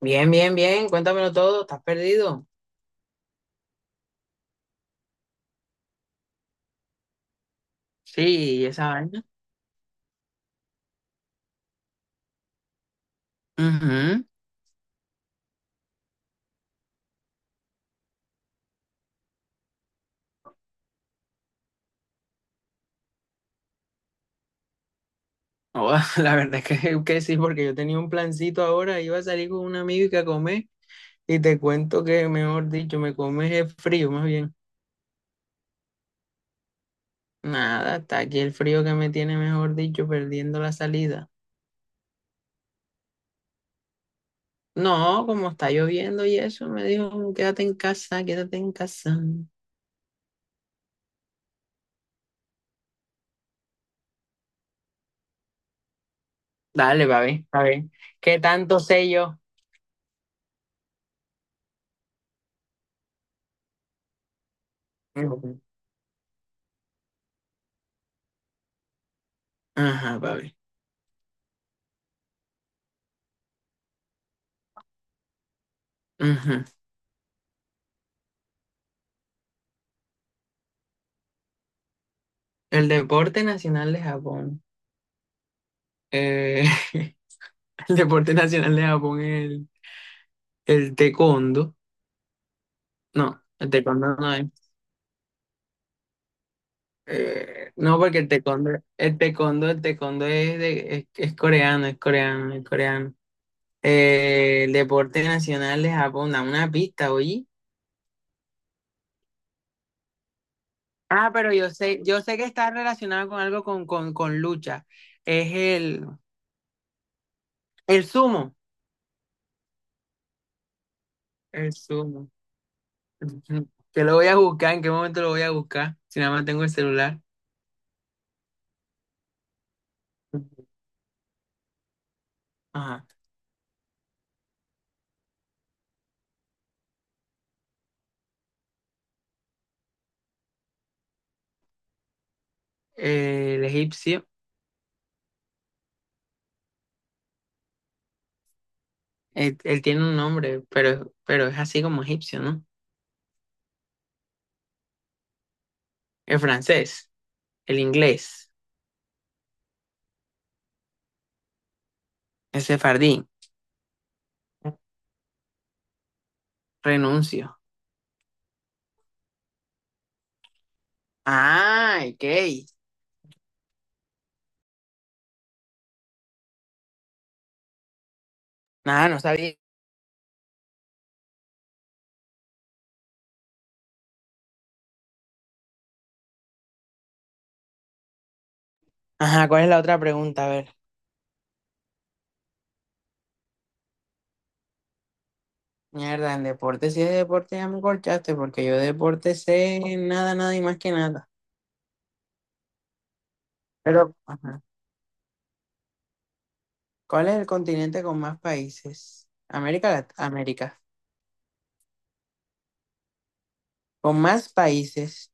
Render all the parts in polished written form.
Bien, bien, bien. Cuéntamelo todo. ¿Estás perdido? Sí, esa vaina. Ujú. Oh, la verdad es que sí, porque yo tenía un plancito ahora, iba a salir con un amigo y que a comer, y te cuento que, mejor dicho, me comes el frío, más bien. Nada, está aquí el frío que me tiene, mejor dicho, perdiendo la salida. No, como está lloviendo y eso, me dijo, quédate en casa, quédate en casa. Dale, papi, papi. ¿Qué tanto sé yo? Ujú. Ajá, papi. Ujú. El deporte nacional de Japón. Eh, el deporte nacional de Japón es el taekwondo. No, el taekwondo no es. No, porque el taekwondo es, de, es coreano, es coreano, es coreano. El deporte nacional de Japón, da una pista, oye. Ah, pero yo sé que está relacionado con algo con lucha. Es el sumo. El sumo. Que lo voy a buscar, ¿en qué momento lo voy a buscar? Si nada más tengo el celular. Ajá. El egipcio, él tiene un nombre, pero es así como egipcio, ¿no? El francés, el inglés, el sefardí, renuncio. Ah, ok. Nada, no sabía. Ajá, ¿cuál es la otra pregunta? A ver. Mierda, en deporte, si es deporte, ya me corchaste, porque yo de deporte sé nada, nada y más que nada. Pero, ajá. ¿Cuál es el continente con más países? América, Lat- América. Con más países.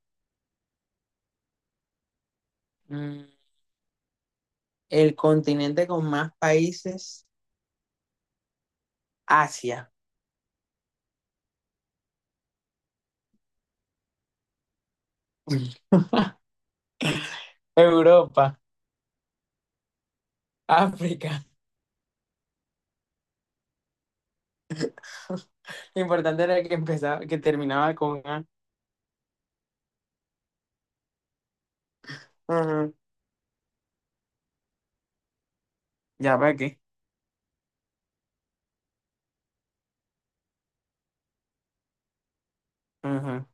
mm, el continente con más países, Asia. Europa, África. Lo importante era que empezaba, que terminaba con A. Ajá. Ya para qué. Ajá.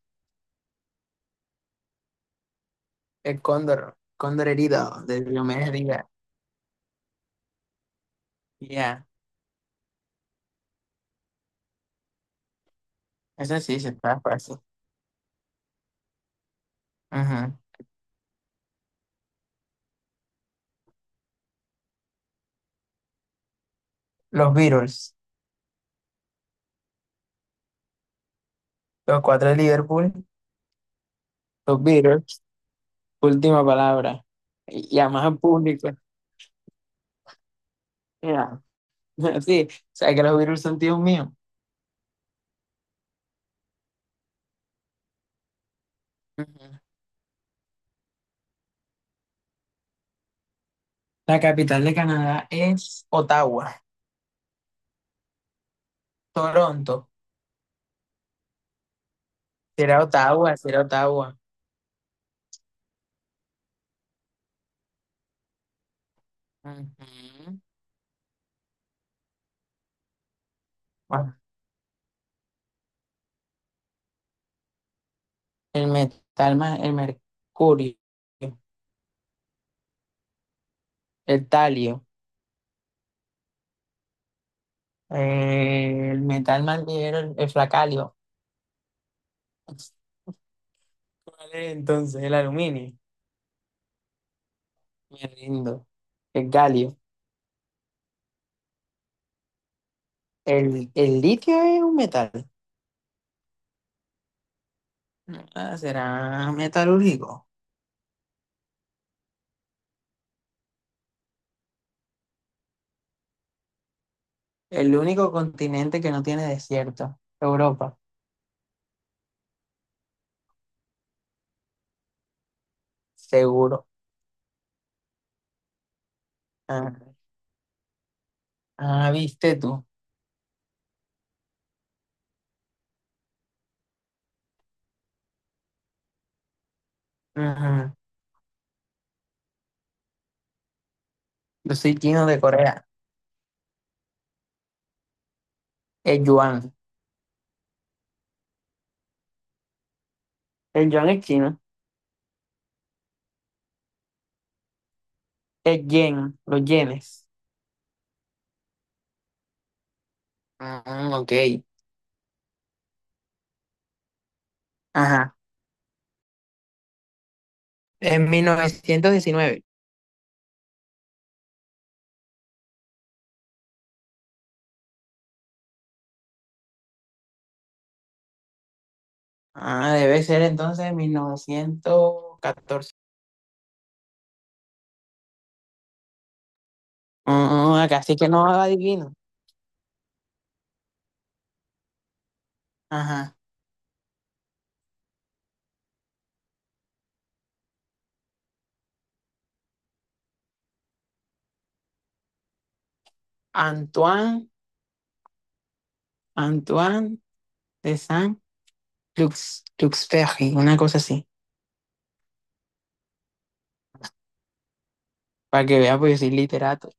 El cóndor, cóndor herido de Diomedes Díaz. Ya. Eso sí se está fácil. Ajá. Los Beatles, los cuatro de Liverpool, los Beatles, última palabra. Y además al público. Ya. Sí, o sea que los Beatles son tíos míos. Ujú. La capital de Canadá es Ottawa. Toronto. Será Ottawa, será Ottawa. Ujú. Bueno, el metal más, el mercurio, el talio, el metal más ligero, el flacalio. ¿Cuál es entonces? El aluminio. Me rindo. El galio. El litio es un metal. Ah, será metalúrgico. El único continente que no tiene desierto. Europa. Seguro. Ah, ah, viste tú. Ajá. Yo soy chino de Corea. El yuan. El yuan es chino. El yen, los yenes. Ah, ok. Ajá. En mil novecientos diecinueve. Ah, debe ser entonces mil novecientos catorce. Ah, acá sí que no adivino. Ajá. Antoine, Antoine de Saint-Lux, Luxferry, una cosa así. Para que vea, pues yo soy literato.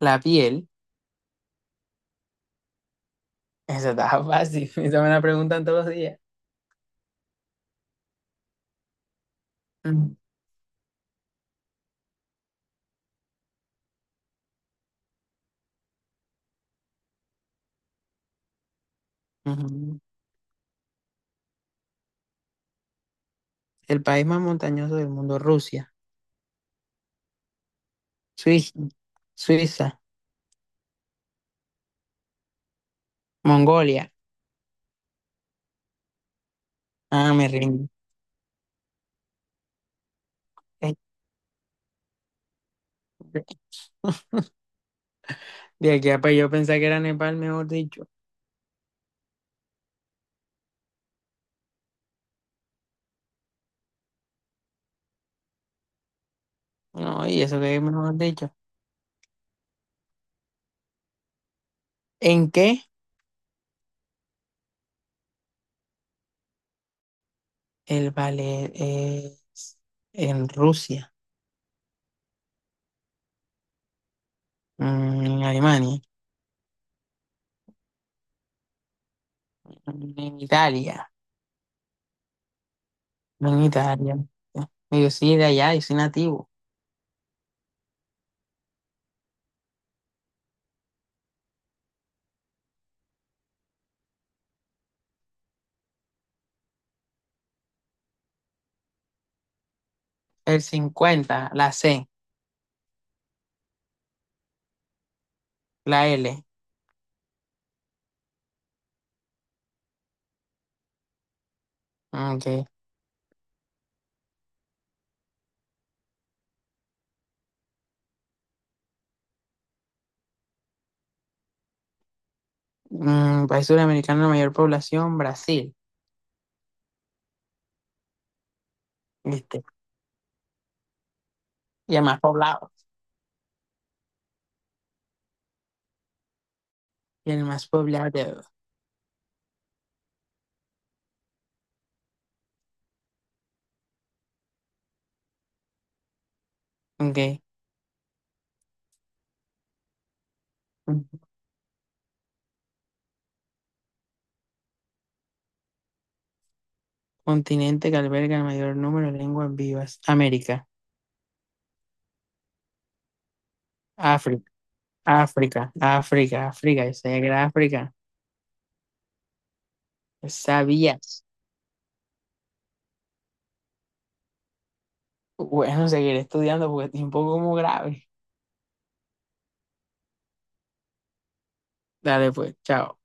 La piel. Eso está fácil. Eso me la preguntan todos los días. Mm, Ujú. El país más montañoso del mundo, Rusia, Suiza, Suiza, Mongolia. Ah, me rindo. Eh, De de aquí a pues yo pensaba que era Nepal, mejor dicho. No, y eso que es mejor dicho. ¿En qué? El ballet es en Rusia, mm, en Alemania, en Italia, no en Italia. Yo soy de allá, yo soy nativo. El 50, la C, la L. Okay. Mm, país sudamericano de mayor población, Brasil. ¿Viste? Y el más poblado. Y el más poblado. Okay. Continente que alberga el mayor número de lenguas vivas, América. África, África, África, África, yo sabía que era África, yo sabía. Bueno, seguiré estudiando porque es un poco como grave. Dale pues, chao.